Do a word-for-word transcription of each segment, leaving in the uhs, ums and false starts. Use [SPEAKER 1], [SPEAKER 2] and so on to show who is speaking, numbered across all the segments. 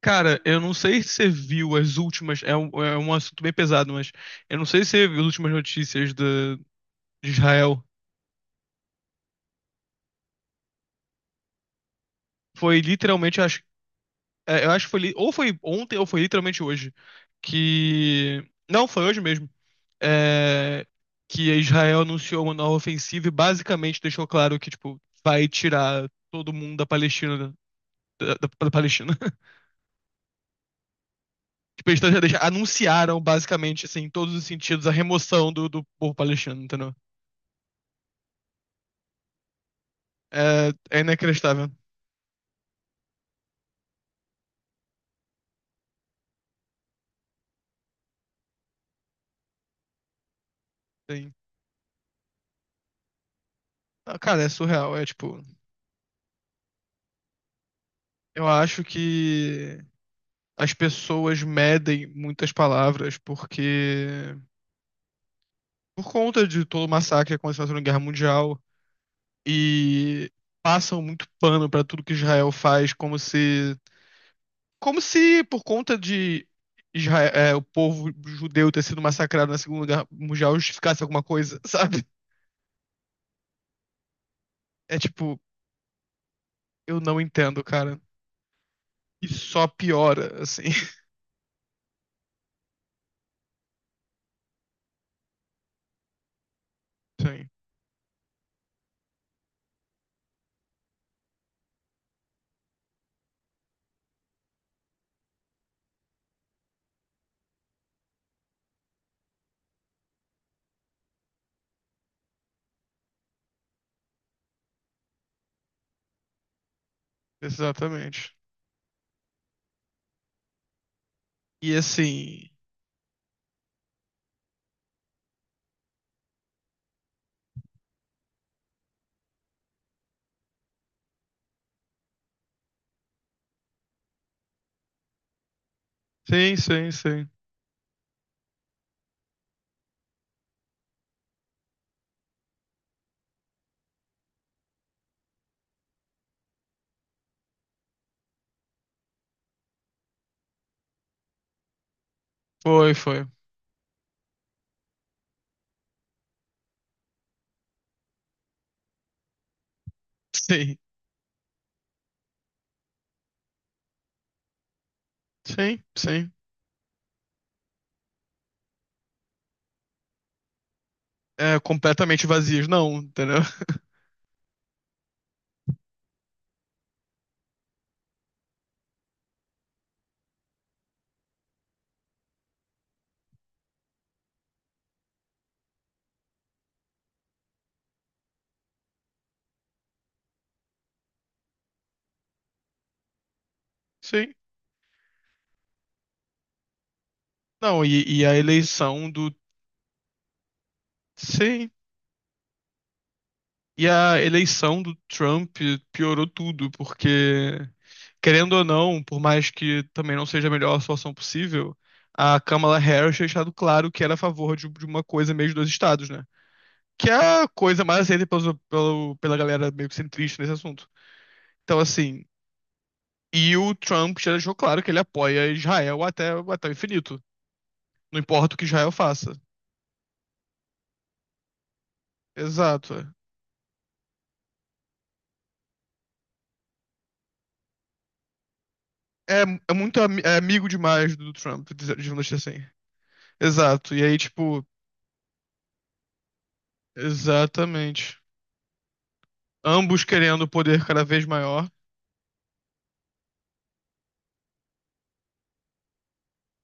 [SPEAKER 1] Cara, eu não sei se você viu as últimas. É um, é um assunto bem pesado, mas eu não sei se você viu as últimas notícias de, de Israel. Foi literalmente, acho, é, eu acho que foi. li- Ou foi ontem, ou foi literalmente hoje. Que. Não, foi hoje mesmo. É, que Israel anunciou uma nova ofensiva e basicamente deixou claro que, tipo, vai tirar todo mundo da Palestina. Da, da- da Palestina. Tipo, eles já deixa- anunciaram basicamente, assim, em todos os sentidos, a remoção do, do povo palestino, entendeu? É, é inacreditável. Sim. Ah, cara, é surreal. É tipo, eu acho que as pessoas medem muitas palavras porque, por conta de todo o massacre que aconteceu na Segunda Guerra Mundial, e passam muito pano pra tudo que Israel faz, como se, como se por conta de Israel, é, o povo judeu ter sido massacrado na Segunda Guerra Mundial justificasse alguma coisa, sabe? É tipo, eu não entendo, cara. E só piora, assim. Sim. Exatamente. E assim, sim, sim, sim. Foi, foi. Sim, sim, sim. É completamente vazios, não, entendeu? Sim. Não, e, e a eleição do. Sim. E a eleição do Trump piorou tudo, porque, querendo ou não, por mais que também não seja a melhor solução possível, a Kamala Harris tinha deixado claro que era a favor de, de uma coisa meio de dois estados, né? Que é a coisa mais aceita pelos, pelo, pela galera meio que centrista nesse assunto. Então, assim, e o Trump já deixou claro que ele apoia Israel até, até o infinito. Não importa o que Israel faça. Exato. É, é muito ami- é amigo demais do Trump, diz- digamos assim. Exato. E aí, tipo, exatamente. Ambos querendo poder cada vez maior.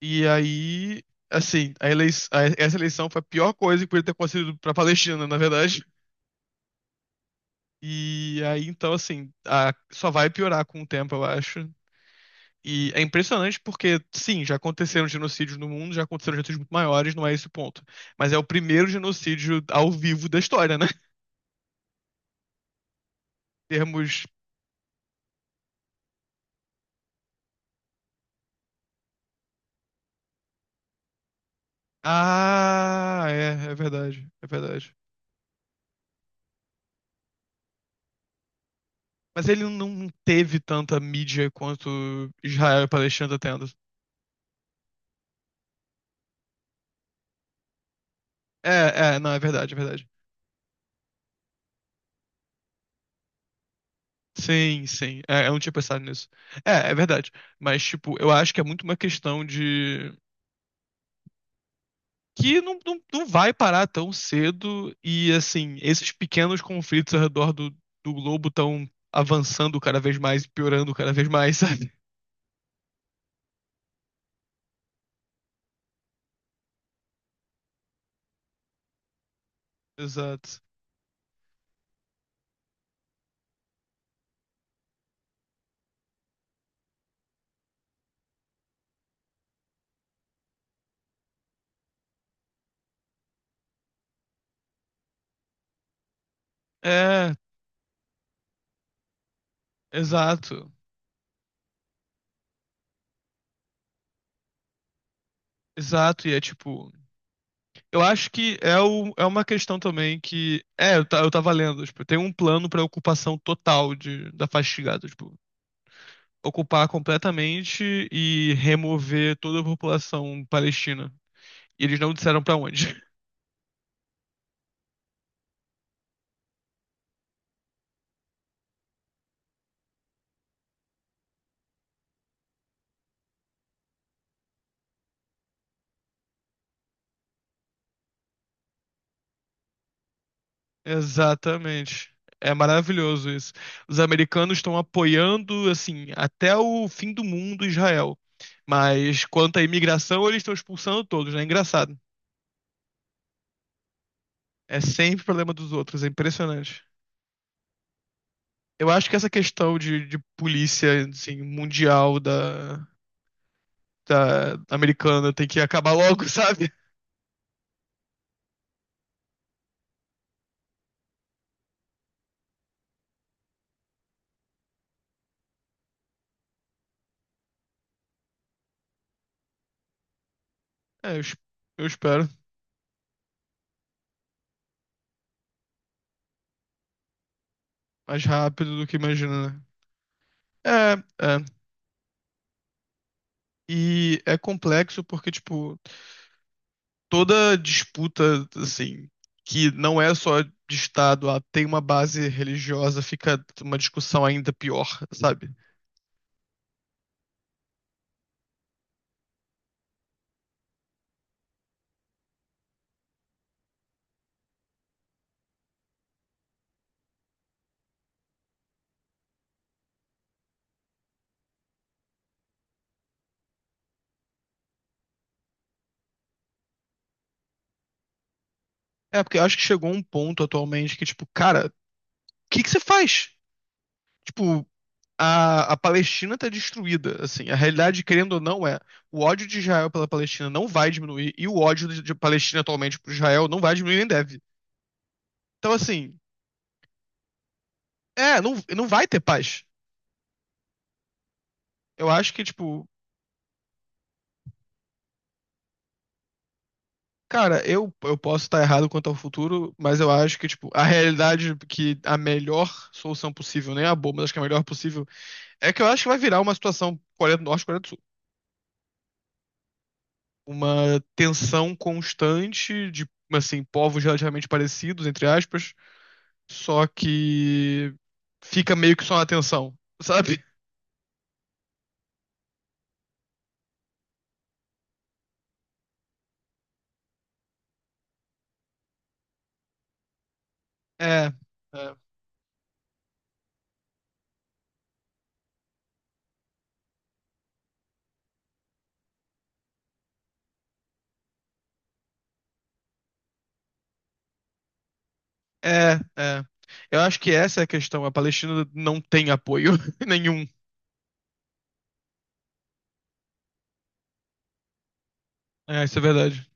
[SPEAKER 1] E aí, assim, a elei a- essa eleição foi a pior coisa que podia ter acontecido pra Palestina, na verdade. E aí, então, assim, a- só vai piorar com o tempo, eu acho. E é impressionante porque, sim, já aconteceram genocídios no mundo, já aconteceram genocídios muito maiores, não é esse o ponto. Mas é o primeiro genocídio ao vivo da história, né? Em termos. Ah, é, é verdade, é verdade. Mas ele não teve tanta mídia quanto Israel e Palestina tá tendo. É, é, não, é verdade, é verdade. Sim, sim. É, eu não tinha pensado nisso. É, é verdade. Mas, tipo, eu acho que é muito uma questão de. Que não, não, não vai parar tão cedo e assim, esses pequenos conflitos ao redor do, do globo estão avançando cada vez mais e piorando cada vez mais, sabe? Exato. É, exato. Exato, e é tipo, eu acho que é, o, é uma questão também que, é, eu, ta- eu tava lendo, tipo, tem um plano pra ocupação total de, da Fatigados, tipo, ocupar completamente e remover toda a população palestina. E eles não disseram pra onde. Exatamente. É maravilhoso isso. Os americanos estão apoiando, assim, até o fim do mundo Israel. Mas quanto à imigração, eles estão expulsando todos, né? É engraçado. É sempre problema dos outros, é impressionante. Eu acho que essa questão de, de polícia, assim, mundial da, da americana tem que acabar logo, sabe? É, eu, es- eu espero. Mais rápido do que imagina, né? É, é. E é complexo porque, tipo. Toda disputa, assim, que não é só de Estado, ah, tem uma base religiosa, fica uma discussão ainda pior, sabe? É, porque eu acho que chegou um ponto atualmente que, tipo, cara, o que que você faz? Tipo, a, a Palestina está destruída. Assim, a realidade, querendo ou não, é o ódio de Israel pela Palestina não vai diminuir e o ódio de, de Palestina atualmente por Israel não vai diminuir nem deve. Então, assim, é, não, não vai ter paz. Eu acho que, tipo, cara, eu, eu posso estar errado quanto ao futuro, mas eu acho que, tipo, a realidade que a melhor solução possível, nem a boa, mas acho que a melhor possível, é que eu acho que vai virar uma situação Coreia do Norte, e Coreia do Sul. Uma tensão constante de, assim, povos relativamente parecidos, entre aspas só que fica meio que só na tensão, sabe? É, é, é, é. Eu acho que essa é a questão. A Palestina não tem apoio nenhum. É, isso é verdade.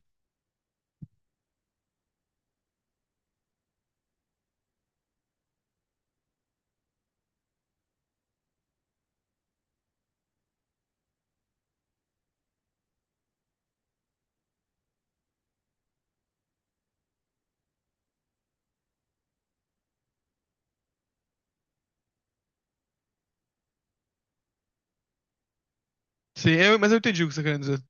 [SPEAKER 1] Sim, eu- mas eu entendi o que você quer dizer.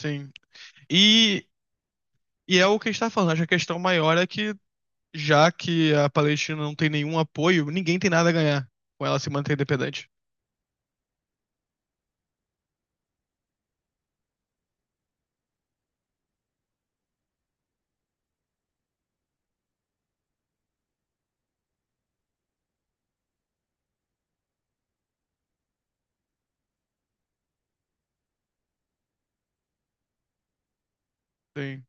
[SPEAKER 1] Sim. E, e é o que a gente tá falando. Acho que a questão maior é que, já que a Palestina não tem nenhum apoio, ninguém tem nada a ganhar com ela se manter independente. Sim.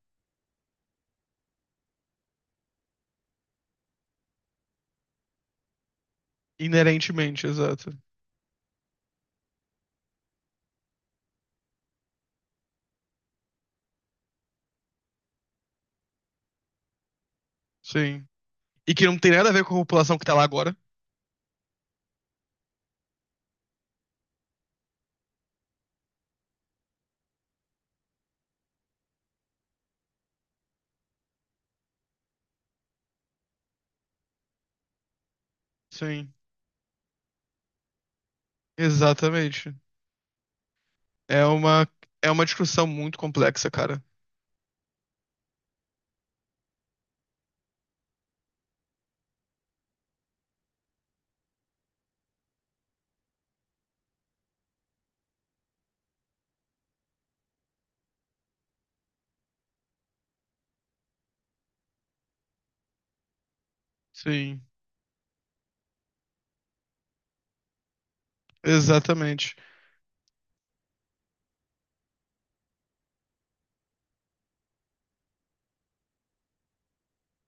[SPEAKER 1] Inerentemente, exato. Sim. E que não tem nada a ver com a população que tá lá agora. Sim. Exatamente. É uma, é uma discussão muito complexa, cara. Sim, exatamente.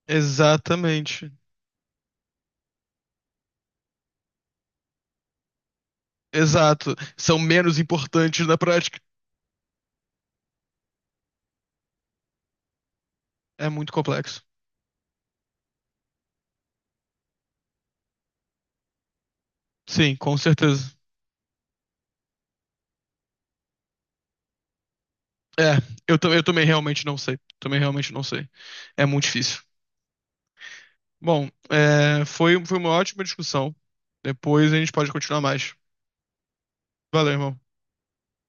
[SPEAKER 1] Exatamente. Exato. São menos importantes na prática. É muito complexo. Sim, com certeza. É, eu, tam- eu também realmente não sei. Também realmente não sei. É muito difícil. Bom, é, foi, foi uma ótima discussão. Depois a gente pode continuar mais. Valeu, irmão.